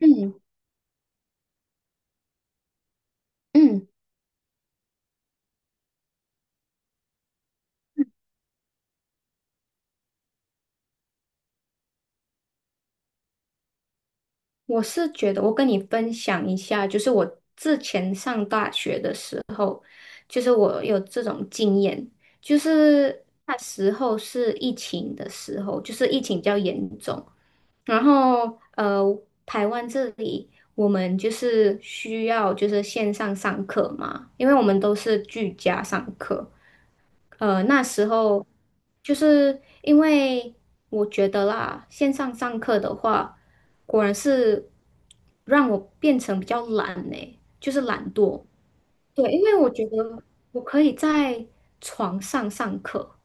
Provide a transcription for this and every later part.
嗯嗯，我是觉得我跟你分享一下，就是我之前上大学的时候，就是我有这种经验，就是那时候是疫情的时候，就是疫情比较严重，然后台湾这里我们就是需要就是线上上课嘛，因为我们都是居家上课，那时候就是因为我觉得啦，线上上课的话，果然是让我变成比较懒呢，就是懒惰。对，因为我觉得我可以在床上上课，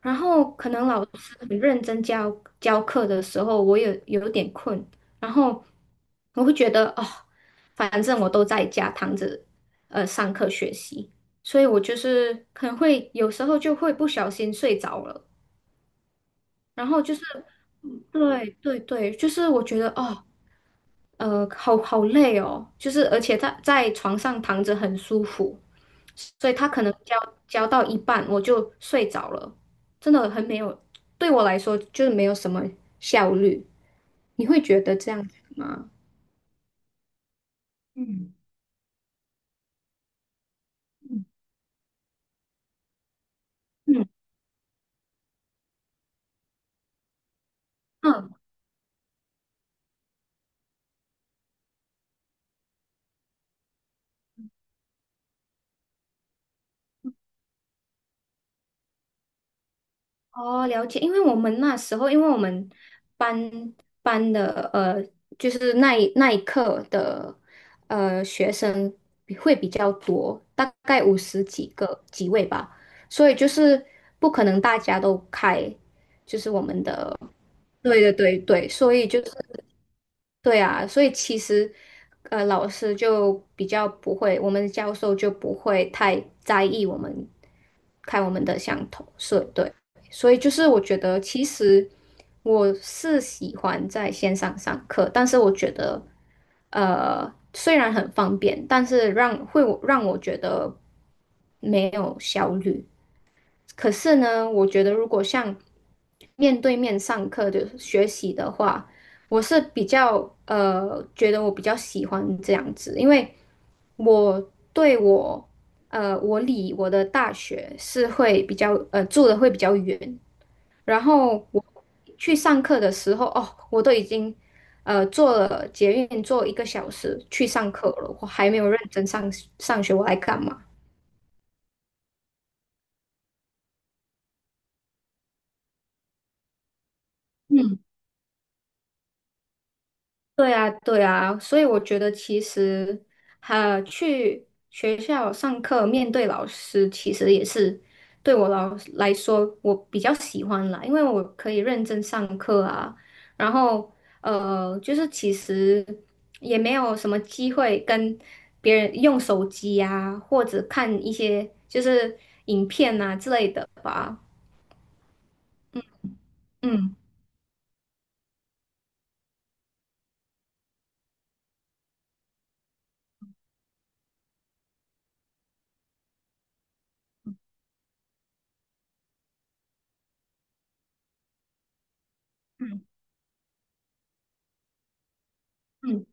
然后可能老师很认真教课的时候，我也有点困，然后我会觉得哦，反正我都在家躺着，上课学习，所以我就是可能会有时候就会不小心睡着了，然后就是，对对对，就是我觉得哦，好好累哦，就是而且在床上躺着很舒服，所以他可能教到一半我就睡着了，真的很没有，对我来说就是没有什么效率。你会觉得这样子吗？嗯嗯，哦，了解。因为我们那时候，因为我们班班的就是那一课的学生比较多，大概50几位吧，所以就是不可能大家都开，就是我们的。对对对对，所以就是。对啊，所以其实，老师就比较不会，我们的教授就不会太在意我们看我们的相同色，对，所以就是我觉得其实我是喜欢在线上上课，但是我觉得，虽然很方便，但是让我觉得没有效率，可是呢，我觉得如果像面对面上课的学习的话，我是比较觉得我比较喜欢这样子，因为我对我我离我的大学是会比较呃住的会比较远，然后我去上课的时候，哦，我都已经坐了捷运坐一个小时去上课了，我还没有认真上学，我来干嘛？嗯。对啊，对啊，所以我觉得其实，去学校上课面对老师，其实也是对我老来说，我比较喜欢啦，因为我可以认真上课啊，然后就是其实也没有什么机会跟别人用手机啊，或者看一些就是影片啊之类的吧，嗯嗯嗯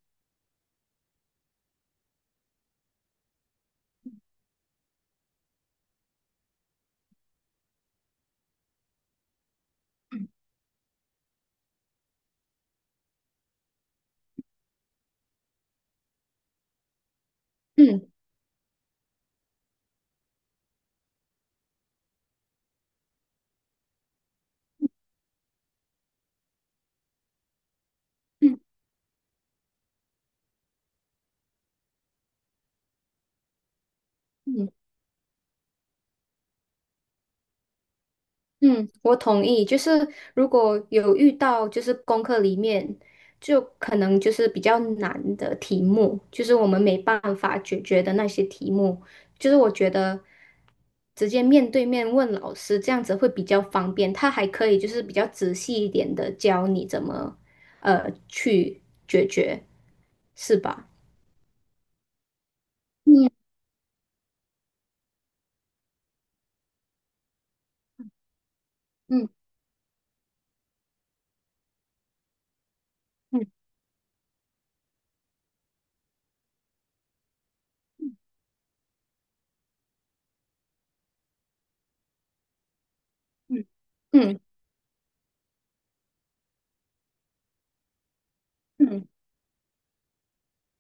嗯嗯。嗯嗯，我同意。就是如果有遇到，就是功课里面就可能就是比较难的题目，就是我们没办法解决的那些题目，就是我觉得直接面对面问老师这样子会比较方便，他还可以就是比较仔细一点的教你怎么去解决，是吧？嗯嗯嗯嗯嗯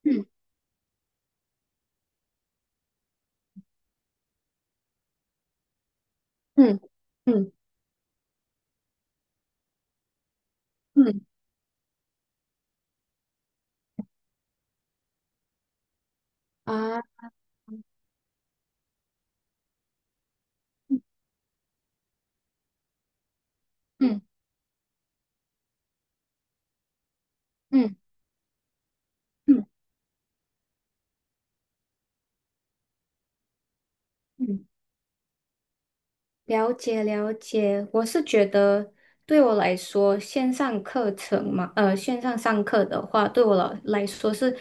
嗯嗯嗯嗯嗯啊嗯嗯嗯。嗯了解了解，我是觉得对我来说，线上课程嘛，线上上课的话，对我来说是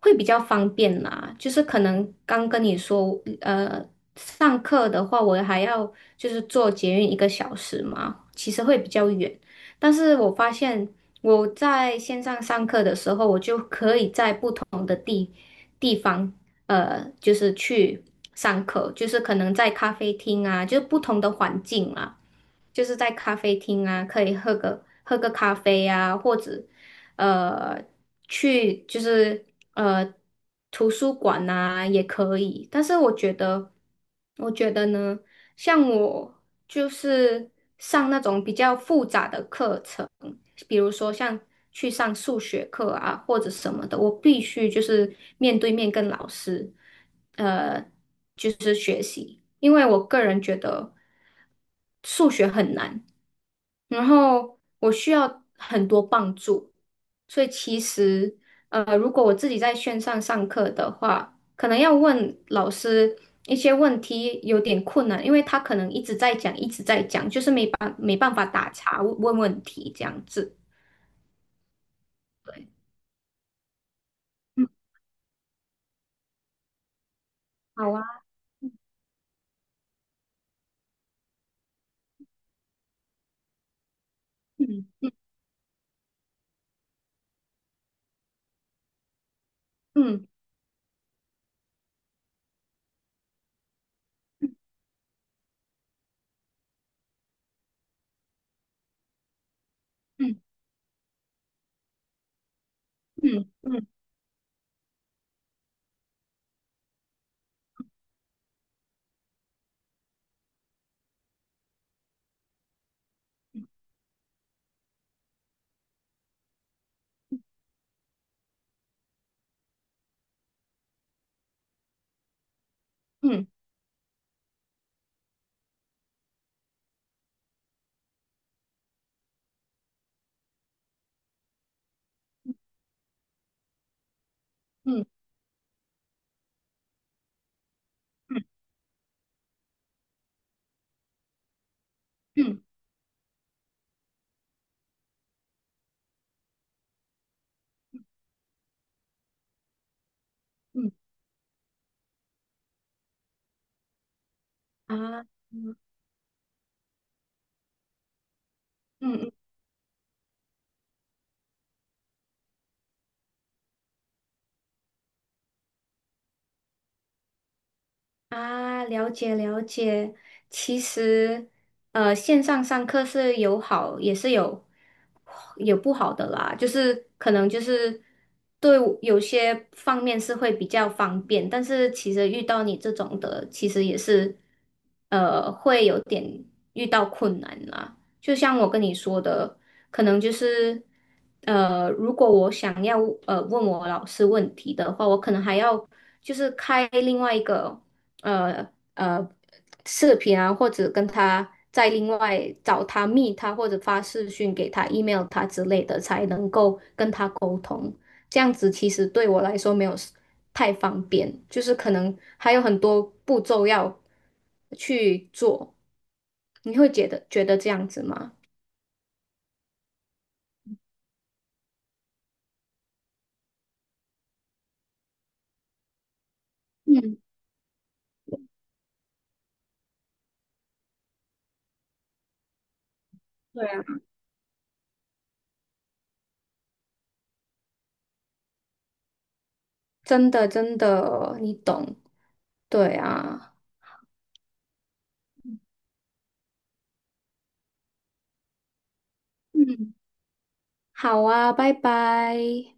会比较方便啦。就是可能刚跟你说，上课的话，我还要就是坐捷运一个小时嘛，其实会比较远。但是我发现我在线上上课的时候，我就可以在不同的地方。就是去上课，就是可能在咖啡厅啊，就是不同的环境啊，就是在咖啡厅啊，可以喝个咖啡啊，或者呃去就是呃图书馆啊也可以。但是我觉得，我觉得呢，像我就是上那种比较复杂的课程。比如说像去上数学课啊或者什么的，我必须就是面对面跟老师，呃，因为我个人觉得数学很难，然后我需要很多帮助，所以其实如果我自己在线上上课的话，可能要问老师。一些问题有点困难，因为他可能一直在讲，一直在讲，就是没办法打岔问问题这样子。对，嗯，好啊。嗯嗯嗯嗯嗯嗯嗯嗯嗯嗯嗯啊嗯嗯啊，了解了解。其实，线上上课是有好，也是有不好的啦。就是可能就是对我有些方面是会比较方便，但是其实遇到你这种的，其实也是会有点遇到困难啦。就像我跟你说的，可能就是如果我想要问我老师问题的话，我可能还要就是开另外一个。呃呃视频啊，或者跟他再另外找他密他，或者发视讯给他、email 他之类的，才能够跟他沟通。这样子其实对我来说没有 太方便，就是可能还有很多步骤要去做。你会觉得这样子吗？嗯，对啊，真的真的，你懂。对啊，嗯。好啊，拜拜。